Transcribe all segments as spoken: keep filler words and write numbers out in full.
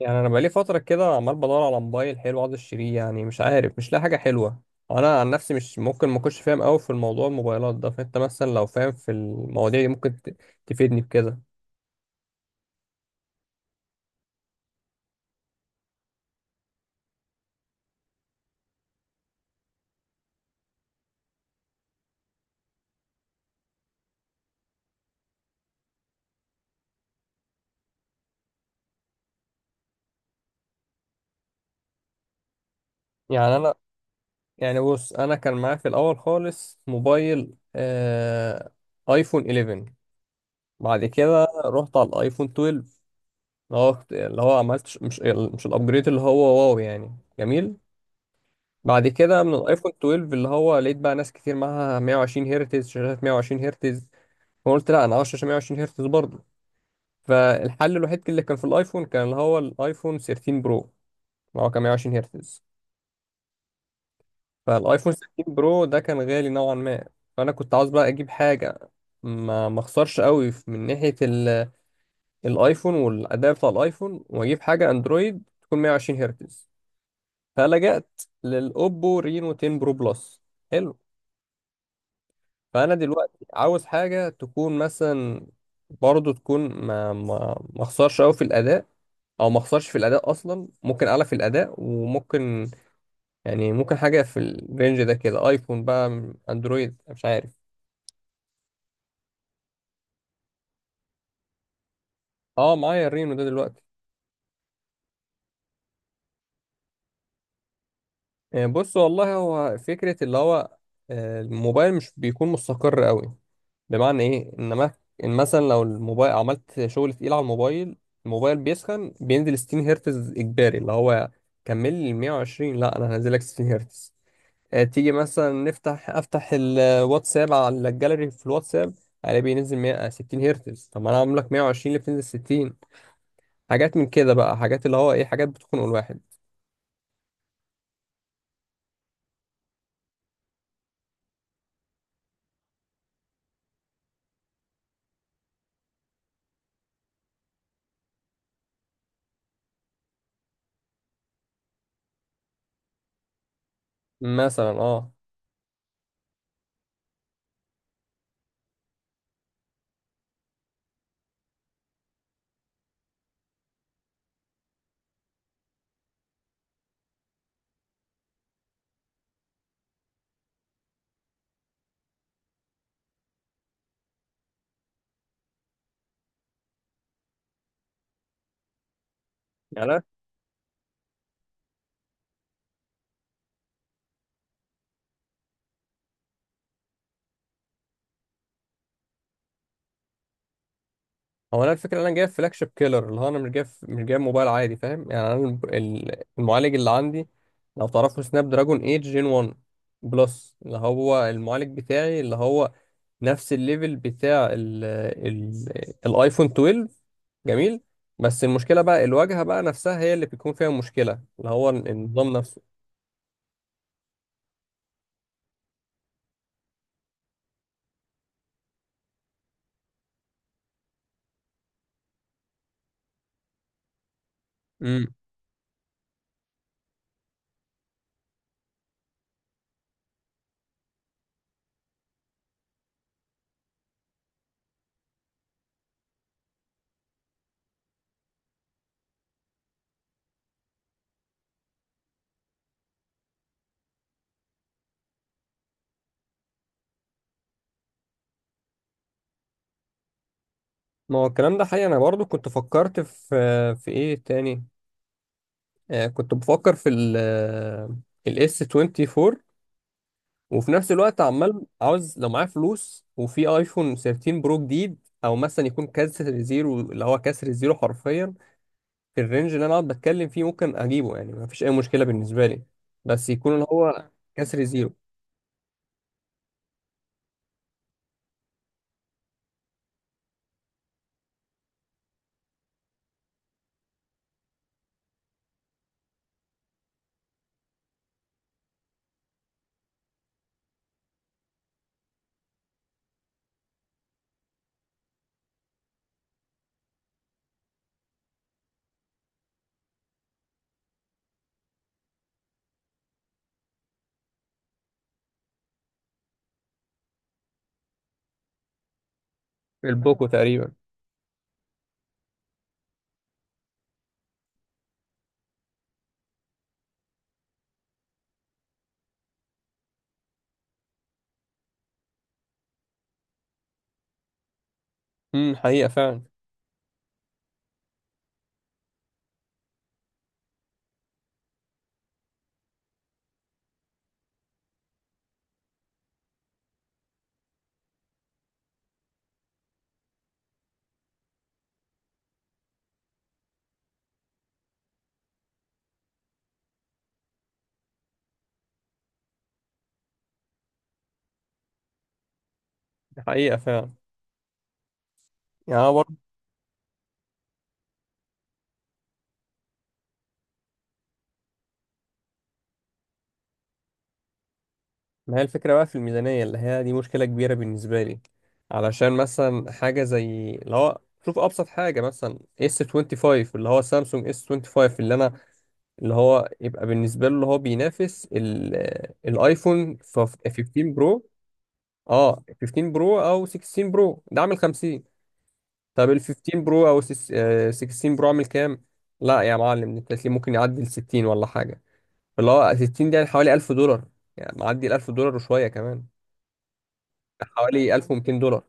يعني انا بقالي فتره كده عمال بدور على موبايل حلو، عاوز اشتريه. يعني مش عارف، مش لاقي حاجه حلوه. انا عن نفسي مش ممكن ما اكونش فاهم قوي في الموضوع الموبايلات ده، فانت مثلا لو فاهم في المواضيع دي ممكن ت- تفيدني بكده. يعني انا يعني بص، انا كان معايا في الاول خالص موبايل آه ايفون احداشر. بعد كده رحت على الايفون اتناشر، اللي هو اللي هو عملت ش- مش مش الابجريد، اللي هو واو يعني جميل. بعد كده من الايفون اثنا عشر اللي هو لقيت بقى ناس كتير معاها مية وعشرين هرتز، شاشات مية وعشرين هرتز. فقلت لا، انا عاوز شاشه مية وعشرين هرتز برضه. فالحل الوحيد اللي كان في الايفون كان اللي هو الايفون تلتاشر برو، اللي هو كان مية وعشرين هرتز. فالايفون تلتاشر برو ده كان غالي نوعا ما. فانا كنت عاوز بقى اجيب حاجه ما ما اخسرش قوي في- من ناحيه ال- الايفون والاداء بتاع الايفون، واجيب حاجه اندرويد تكون مية وعشرين هرتز. فلجأت للاوبو رينو عشرة برو بلس. حلو. فانا دلوقتي عاوز حاجه تكون مثلا برضه تكون ما ما ما اخسرش قوي في الاداء، او ما اخسرش في الاداء اصلا، ممكن اعلى في الاداء، وممكن يعني ممكن حاجه في الرينج ده كده. ايفون بقى، اندرويد، مش عارف. اه معايا الرينو ده دلوقتي. آه، بص والله، هو فكره اللي هو آه، الموبايل مش بيكون مستقر قوي. بمعنى ايه؟ ان ما- إن مثلا لو الموبايل عملت شغل تقيل على الموبايل، الموبايل بيسخن، بينزل ستين هرتز اجباري. اللي هو كمل لي مية وعشرين، لا، انا هنزلك ستين هرتز. آه، تيجي مثلا نفتح افتح الواتساب، على الجاليري في الواتساب الاقي بينزل مية ستين هرتز. طب ما انا عامل لك مية وعشرين اللي بتنزل ستين؟ حاجات من كده بقى، حاجات اللي هو ايه، حاجات بتخنق الواحد. مثلا اه. يعني أنا- هو انا الفكره انا جايب فلاج شيب كيلر، اللي هو انا مش جايب مش جايب موبايل عادي، فاهم؟ يعني انا الب- ال- المعالج اللي عندي، لو تعرفوا، سناب دراجون تمنية جين واحد بلس، اللي هو المعالج بتاعي، اللي هو نفس الليفل بتاع ال ال الايفون اتناشر. جميل. بس المشكله بقى، الواجهه بقى نفسها هي اللي بيكون فيها مشكله، اللي هو النظام نفسه. امم ما هو الكلام ده حقيقي. انا برضو كنت فكرت في في ايه تاني، آه كنت بفكر في ال الاس اربعة وعشرين. وفي نفس الوقت عمال عاوز لو معايا فلوس وفي ايفون تلتاشر برو جديد، او مثلا يكون كسر زيرو، اللي هو كسر زيرو حرفيا. في الرينج اللي انا اقعد بتكلم فيه ممكن اجيبه، يعني ما فيش اي مشكله بالنسبه لي، بس يكون اللي هو كسر زيرو. البوكو تقريبا. امم حقيقه فعلا. دي حقيقه فعلا. يعني انا برضه ما هي الفكره بقى في الميزانيه اللي هي دي مشكله كبيره بالنسبه لي. علشان مثلا حاجه زي اللي هو، شوف ابسط حاجه، مثلا اس خمسة وعشرين، اللي هو سامسونج اس خمسة وعشرين، اللي انا اللي هو يبقى بالنسبه له اللي هو بينافس ال- الايفون خمستاشر برو. اه، خمستاشر برو او ستاشر برو ده عامل خمسين. طب ال خمسة عشر برو او سس- آه، ستاشر برو عامل كام؟ لا يا معلم، انت هتلاقيه ممكن يعدي ال ستين ولا حاجه. اللي هو ستين ده يعني حوالي الف دولار، يعني معدي ال الف دولار وشويه كمان، حوالي ألف ومئتين دولار.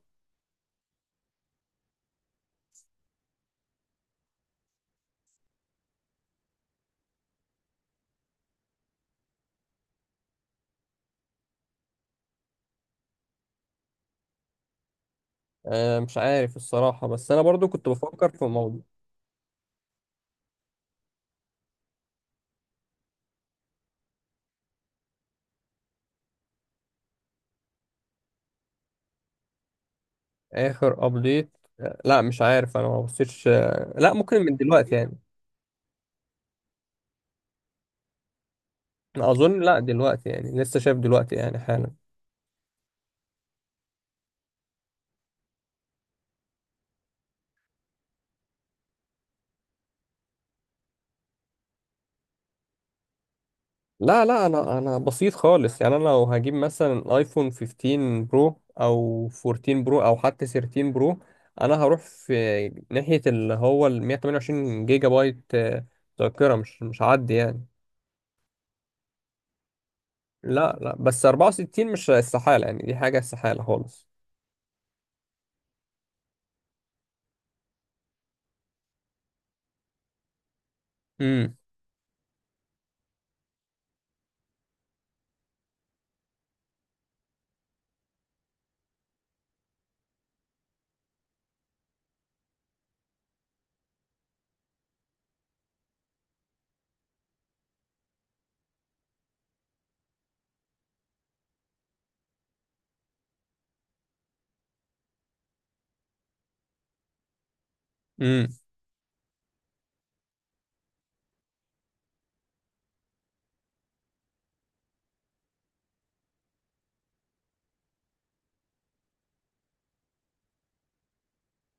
آه، مش عارف الصراحه، بس انا برضو كنت بفكر في موضوع. اخر ابديت آه، لا مش عارف، انا ما بصيتش. آه، لا، ممكن من دلوقتي يعني. اظن لا، دلوقتي يعني لسه شايف دلوقتي يعني حالا. لا لا، انا انا بسيط خالص. يعني انا لو هجيب مثلا ايفون خمستاشر برو او اربعتاشر برو او حتى تلتاشر برو، انا هروح في ناحية اللي هو ال مية وتمنية وعشرين جيجا بايت. آه، ذاكرة مش مش هعدي يعني. لا لا، بس اربعة وستين مش استحالة، يعني دي حاجة استحالة خالص. امم امم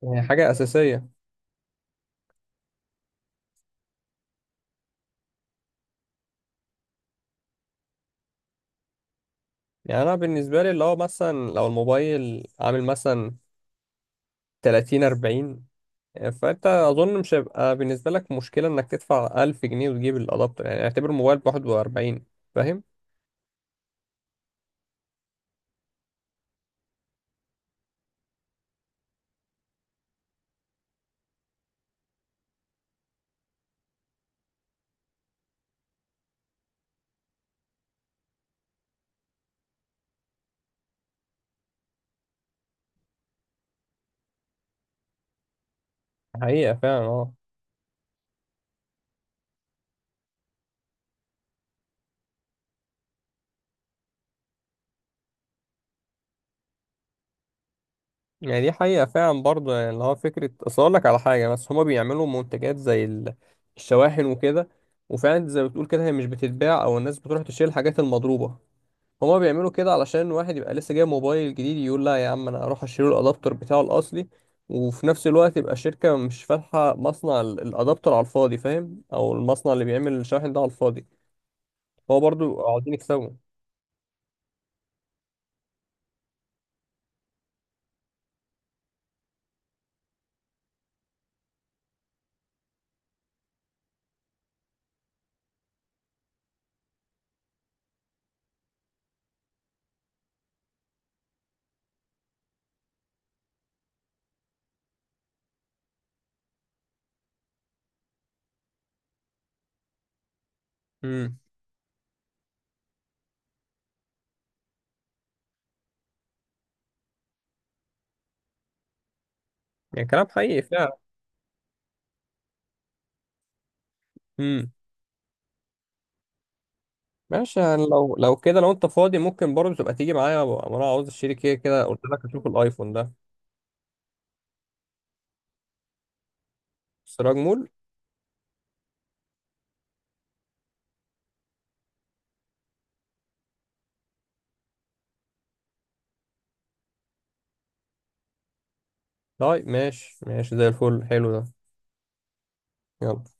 هي حاجة أساسية. يعني أنا بالنسبة لي اللي هو مثلا لو الموبايل عامل مثلا تلاتين اربعين، فانت اظن مش هيبقى بالنسبه لك مشكله انك تدفع الف جنيه وتجيب الادابتر، يعني اعتبر موبايل ب واحد واربعين. فاهم؟ حقيقه فعلا اه. يعني دي حقيقه فعلا برضه، يعني اللي هو فكره، اصل اقول لك على حاجه، بس هما بيعملوا منتجات زي ال- الشواحن وكده، وفعلا زي ما بتقول كده هي مش بتتباع، او الناس بتروح تشتري الحاجات المضروبه. هما بيعملوا كده علشان واحد يبقى لسه جايب موبايل جديد يقول لا يا عم، انا هروح اشتري الادابتر بتاعه الاصلي. وفي نفس الوقت يبقى الشركة مش فاتحة مصنع ال- الادابتر على الفاضي، فاهم؟ او المصنع اللي بيعمل الشاحن ده على الفاضي. هو برضو عاوزين يكسبوا. امم يعني كلام حقيقي فعلا. امم ماشي. يعني لو لو كده، لو انت فاضي ممكن برضه تبقى تيجي معايا، أبقى- انا عاوز اشتري كده كده، قلت لك اشوف الايفون ده. سراج مول. طيب ماشي ماشي زي الفل، حلو ده. يلا.